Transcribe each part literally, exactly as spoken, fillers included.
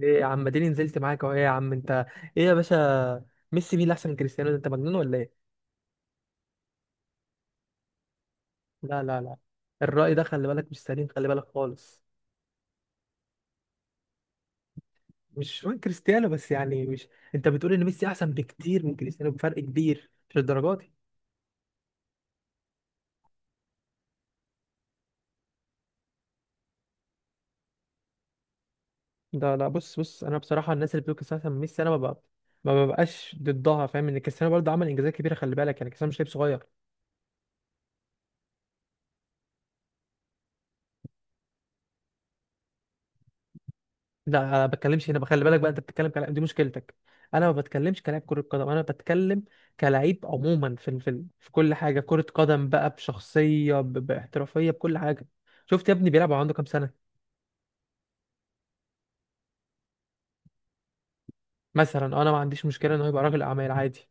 ايه يا عم اديني نزلت معاك اهو. ايه يا عم انت؟ ايه يا باشا؟ ميسي مين اللي احسن من كريستيانو؟ ده انت مجنون ولا ايه؟ لا لا لا، الرأي ده خلي بالك مش سليم، خلي بالك خالص. مش من كريستيانو بس، يعني مش، انت بتقول ان ميسي احسن بكتير من كريستيانو بفرق كبير؟ مش الدرجات دي. لا لا، بص بص، انا بصراحة الناس اللي بتقول كريستيانو احسن من ميسي انا ما ببقى ما ببقاش ضدها. فاهم؟ ان كريستيانو برضه عمل انجازات كبيرة، خلي بالك، يعني كريستيانو مش لعيب صغير. لا انا ما بتكلمش هنا، خلي بالك بقى. انت بتتكلم كلاعب، دي مشكلتك. انا ما بتكلمش كلاعب كرة قدم، انا بتكلم كلاعب عموما في ال- في ال- في كل حاجة، كرة قدم بقى، بشخصية، ب- باحترافية، بكل حاجة. شفت يا ابني بيلعب وهو عنده كام سنة؟ مثلا انا ما عنديش مشكلة ان هو يبقى راجل اعمال عادي.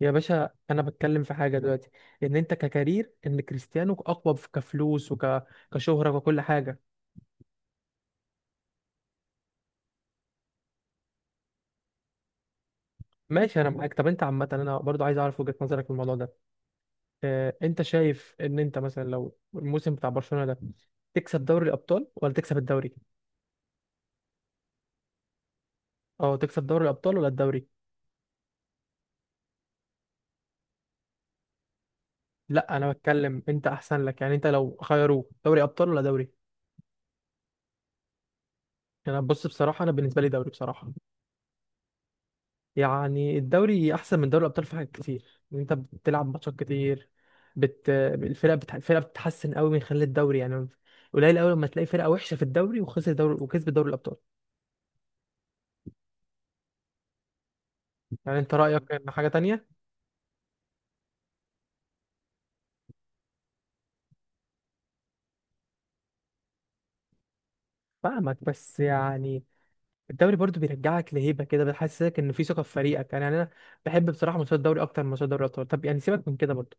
يا باشا انا بتكلم في حاجة دلوقتي، ان انت ككارير ان كريستيانو اقوى في- كفلوس وك كشهرة وكل حاجة. ماشي انا معاك. طب انت عامة انا برضو عايز اعرف وجهة نظرك في الموضوع ده. آه، انت شايف ان انت مثلا لو الموسم بتاع برشلونة ده تكسب دوري الابطال ولا تكسب الدوري؟ اه، تكسب دوري الابطال ولا الدوري؟ لا انا بتكلم انت احسن لك، يعني انت لو خيروه دوري ابطال ولا دوري؟ يعني انا، بص بصراحة، انا بالنسبة لي دوري بصراحة. يعني الدوري احسن من دوري الابطال في حاجات كتير، إن انت بتلعب ماتشات كتير. بت... الفرق بت... الفرق بتتحسن قوي من خلال الدوري، يعني قليل قوي لما تلاقي فرقة وحشة في الدوري وخسر دوري وكسب دوري الابطال. يعني انت رأيك ان حاجة تانية. فاهمك بس يعني، الدوري برضو بيرجعك لهيبه كده، بيحسسك ان في ثقه في فريقك. يعني انا بحب بصراحه ماتشات الدوري اكتر من ماتشات دوري الابطال. طب يعني سيبك من كده برضو.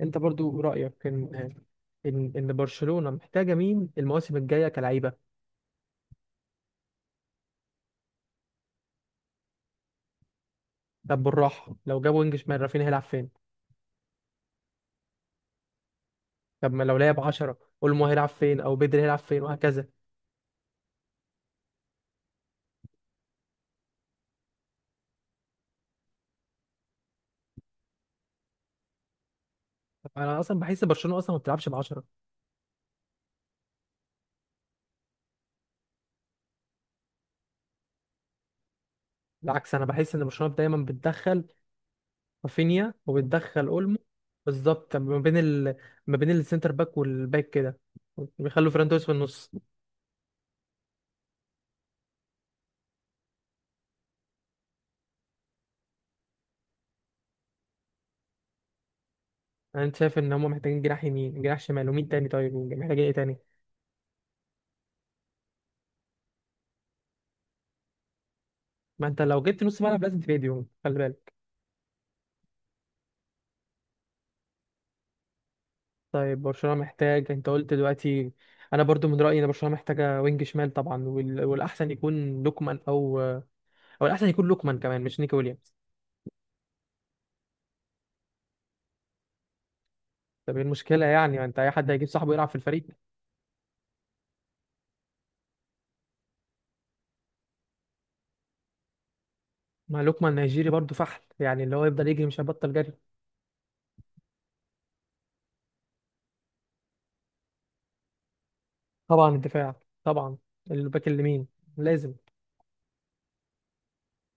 انت برضو رايك ان ان ان برشلونه محتاجه مين المواسم الجايه كلعيبه؟ طب بالراحه، لو جابوا وينج شمال رافينيا هيلعب فين؟ طب ما لو لعب عشرة اولمو هيلعب فين او بدري هيلعب فين وهكذا. طب انا اصلا بحس برشلونه اصلا ما بتلعبش ب عشرة. بالعكس انا بحس ان برشلونه دايما بتدخل رافينيا وبتدخل اولمو. بالظبط. طب ما بين ال... ما بين السنتر باك والباك كده بيخلوا فران توريس في النص. انا شايف ان هم محتاجين جناح يمين، جناح شمال، ومين تاني؟ طيب محتاجين ايه تاني؟ ما انت لو جبت نص ملعب لازم تبيع ديونج، خلي بالك. طيب برشلونة محتاج، انت قلت دلوقتي، انا برضو من رأيي ان برشلونة محتاجة وينج شمال طبعا، وال... والاحسن يكون لوكمان، او او الاحسن يكون لوكمان كمان، مش نيكي ويليامز. طب ايه المشكلة يعني؟ ما انت اي حد هيجيب صاحبه يلعب في الفريق. ما لوكمان نيجيري برضو فحل، يعني اللي هو يفضل يجري مش هيبطل جري. طبعا الدفاع، طبعا الباك اليمين لازم.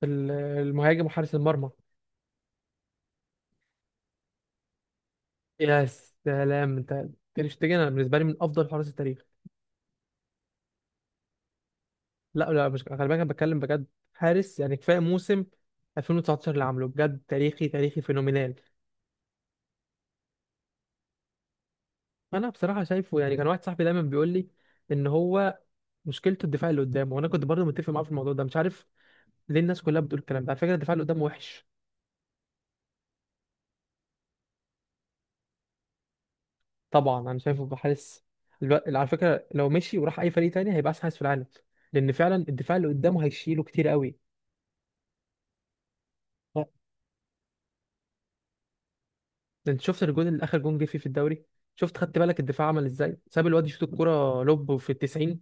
ال- المهاجم وحارس المرمى. يا سلام! انت تير شتيجن انا بالنسبه لي من افضل حراس التاريخ. لا لا، مش، خلي بالك، انا بتكلم بجد. حارس، يعني كفايه موسم ألفين وتسعتاشر اللي عامله، بجد تاريخي، تاريخي، فينومينال. انا بصراحه شايفه، يعني كان واحد صاحبي دايما بيقول لي ان هو مشكلته الدفاع اللي قدامه، وانا كنت برضه متفق معاه في الموضوع ده. مش عارف ليه الناس كلها بتقول الكلام ده. على فكره الدفاع اللي قدامه وحش. طبعا انا شايفه بحارس. الو- على فكره لو مشي وراح اي فريق تاني هيبقى احسن حارس في العالم، لان فعلا الدفاع اللي قدامه هيشيله كتير قوي. ده انت شفت الجون اللي اخر جون جه فيه في الدوري؟ شفت؟ خدت بالك الدفاع عمل ازاي؟ ساب الواد يشوط الكرة لوب في التسعين.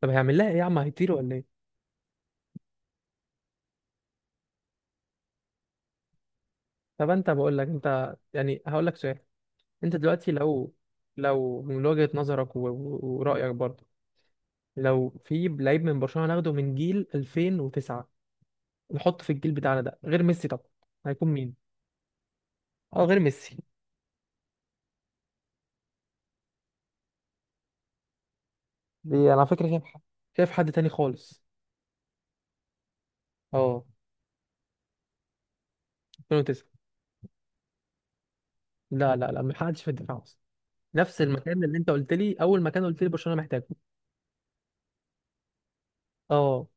طب هيعمل لها ايه يا عم؟ هيطير ولا ايه؟ طب انت بقول لك انت، يعني هقول لك سؤال. انت دلوقتي لو، لو من وجهة نظرك و- و- ورأيك برضه، لو في لعيب من برشلونة ناخده من جيل ألفين وتسعة نحطه في الجيل بتاعنا ده، غير ميسي طبعا، هيكون مين؟ اه غير ميسي. دي انا على فكرة شايف حد، شايف حد تاني خالص. اه، ألفين وتسعة. لا لا لا، ما حدش في الدفاع. نفس المكان اللي انت قلت لي اول مكان قلت لي برشلونه محتاجه. اه،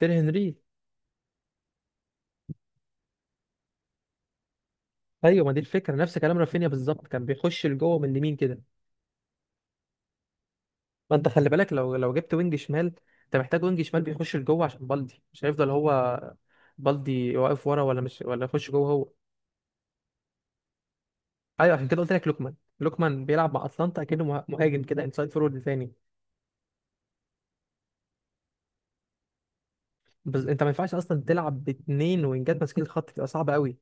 تير هنري. ايوه، ما دي الفكره، نفس كلام رافينيا بالظبط، كان بيخش لجوه من اليمين كده. ما انت خلي بالك، لو لو جبت وينج شمال، انت محتاج وينج شمال بيخش لجوه، عشان بالدي مش هيفضل هو، بالدي واقف ورا ولا مش، ولا يخش جوه هو. ايوه، عشان كده قلت لك لوكمان. لوكمان بيلعب مع اتلانتا اكنه مه- مهاجم كده، انسايد فورورد ثاني. بس انت ما ينفعش اصلا تلعب باتنين وينجات ماسكين الخط، تبقى صعبه قوي.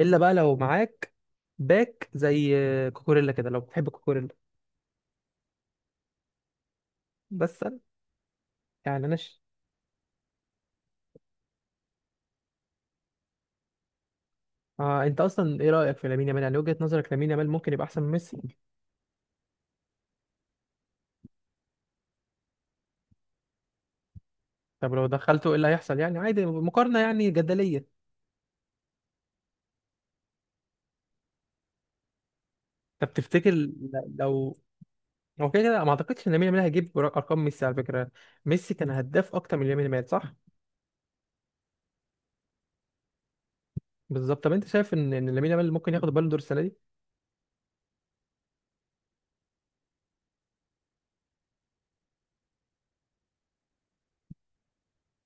الا بقى لو معاك باك زي كوكوريلا كده، لو بتحب كوكوريلا. بس أنا- يعني انا ش... آه، انت اصلا ايه رايك في لامين يامال؟ يعني وجهه نظرك، لامين يامال ممكن يبقى احسن من ميسي؟ طب لو دخلته ايه اللي هيحصل يعني، عادي، مقارنه يعني جدليه. طب تفتكر ل- لو، هو كده كده ما اعتقدش ان لامين يامال هيجيب ر- ارقام ميسي، على فكره. ميسي كان هداف اكتر من لامين يامال، صح؟ بالظبط. طب انت شايف ان ان لامين يامال ممكن ياخد البالون دور السنه دي؟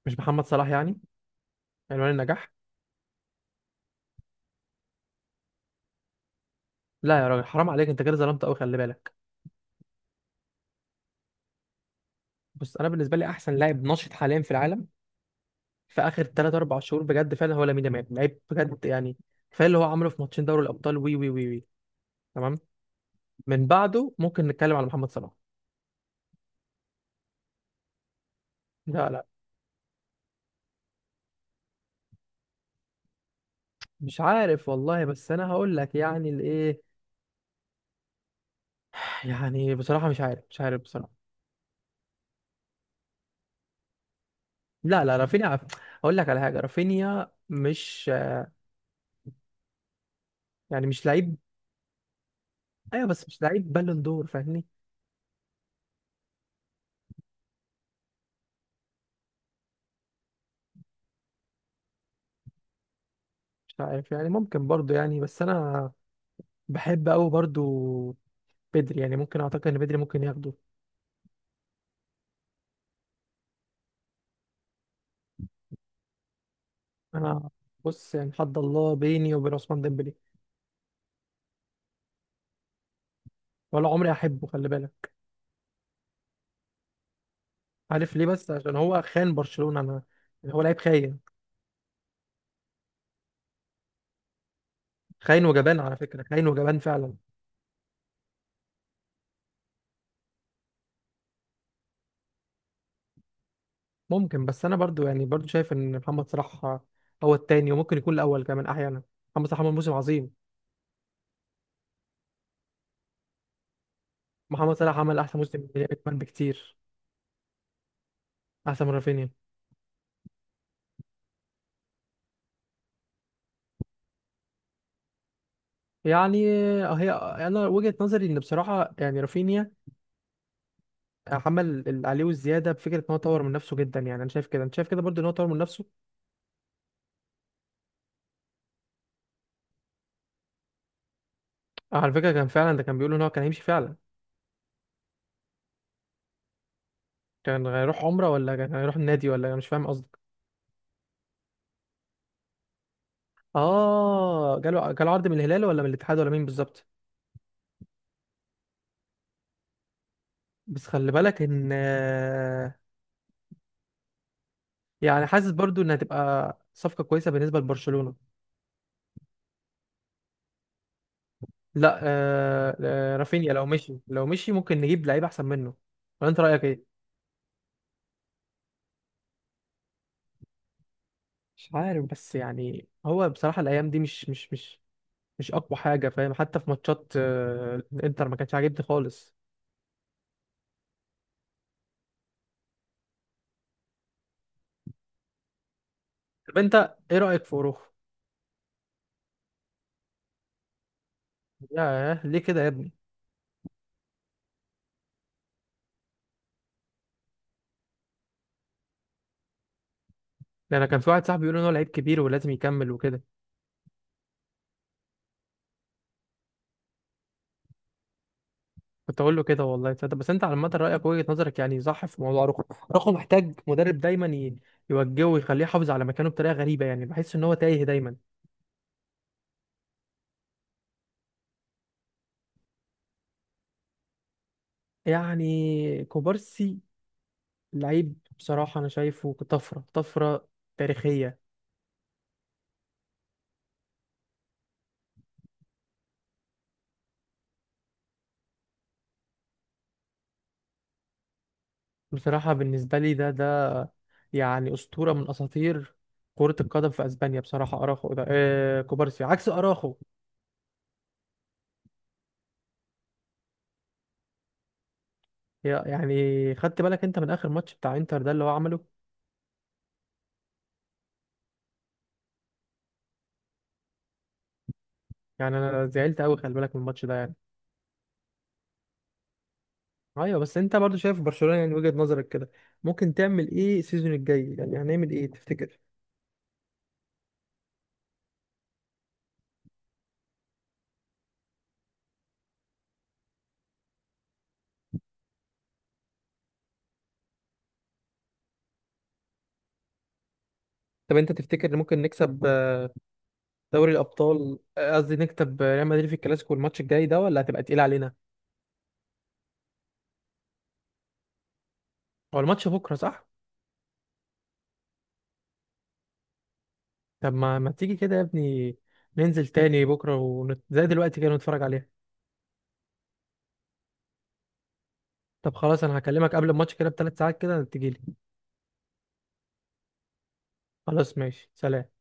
مش محمد صلاح يعني، عنوان النجاح؟ لا يا راجل حرام عليك، انت كده ظلمت قوي، خلي بالك. بص، انا بالنسبه لي احسن لاعب ناشط حاليا في العالم في اخر تلات أربع شهور، بجد فعلا هو لامين يامال. لعيب بجد يعني، كفايه اللي هو عمله في ماتشين دوري الابطال. وي وي وي وي، تمام. من بعده ممكن نتكلم على محمد صلاح. لا لا. مش عارف والله، بس انا هقول لك يعني الايه، يعني بصراحه مش عارف، مش عارف بصراحه. لا لا رافينيا، عارف، هقول لك على حاجه. رافينيا مش، يعني مش لعيب. ايوه بس مش لعيب بالون دور، فاهمني؟ مش عارف يعني، ممكن برضو، يعني بس انا بحب قوي برضو بدري، يعني ممكن اعتقد ان بدري ممكن ياخده. انا بص، يعني حد الله بيني وبين عثمان ديمبلي. ولا عمري احبه، خلي بالك. عارف ليه؟ بس عشان هو خان برشلونة. انا، هو لعيب خاين، خاين وجبان على فكرة، خاين وجبان فعلا. ممكن. بس انا برضو، يعني برضو شايف ان محمد صلاح هو التاني، وممكن يكون الاول كمان احيانا. محمد صلاح عمل موسم عظيم. محمد صلاح عمل احسن موسم كمان بكتير، احسن من رافينيا. يعني هي انا وجهة نظري ان بصراحة، يعني رافينيا عمل اللي عليه والزيادة، بفكرة ان هو طور من نفسه جدا. يعني انا شايف كده، انت شايف كده برضو ان هو طور من نفسه. آه، على فكرة كان فعلا ده، كان بيقول ان هو كان هيمشي فعلا. كان هيروح عمرة ولا كان هيروح النادي، ولا أنا مش فاهم قصدك؟ اه جاله جاله عرض من الهلال ولا من الاتحاد ولا مين بالظبط؟ بس خلي بالك ان، يعني حاسس برضو انها تبقى صفقة كويسة بالنسبة لبرشلونة. لا آه، آه، رافينيا لو مشي، لو مشي ممكن نجيب لعيب احسن منه. ولا انت رأيك ايه؟ مش عارف، بس يعني هو بصراحة الايام دي مش مش مش مش اقوى حاجة، فاهم؟ حتى في ماتشات آه، الانتر ما كانش عاجبني خالص. طب انت ايه رأيك في اوروخو؟ ياه ليه كده يا ابني؟ ده انا كان في واحد صاحبي بيقول ان هو لعيب كبير ولازم يكمل وكده. كنت اقول له كده والله، تصدق. بس انت على عامه رايك وجهه نظرك يعني صح في موضوع رخو. رخو محتاج مدرب دايما ي- يوجهه ويخليه يحافظ على مكانه، بطريقه غريبه، يعني بحس ان هو تايه دايما. يعني كوبارسي، لعيب بصراحه، انا شايفه طفره، طفره تاريخيه. بصراحه بالنسبه لي ده ده يعني اسطوره من اساطير كرة القدم في اسبانيا بصراحة. اراخو ده، آه كوبارسي عكس اراخو. يا- يعني خدت بالك انت من اخر ماتش بتاع انتر ده اللي هو عمله؟ يعني انا زعلت قوي، خلي بالك، من الماتش ده يعني. ايوه. بس انت برضو شايف برشلونة، يعني وجهة نظرك كده، ممكن تعمل ايه السيزون الجاي؟ يعني هنعمل ايه تفتكر؟ طب انت تفتكر ممكن نكسب آه، دوري الابطال، آه، قصدي نكسب آه، ريال مدريد في الكلاسيكو الماتش الجاي ده، ولا هتبقى تقيل علينا؟ هو الماتش بكره، صح؟ طب ما ما تيجي كده يا ابني ننزل تاني بكره ونت... زي دلوقتي كده نتفرج عليها. طب خلاص، انا هكلمك قبل الماتش كده بثلاث ساعات كده تجيلي. خلاص ماشي، سلام.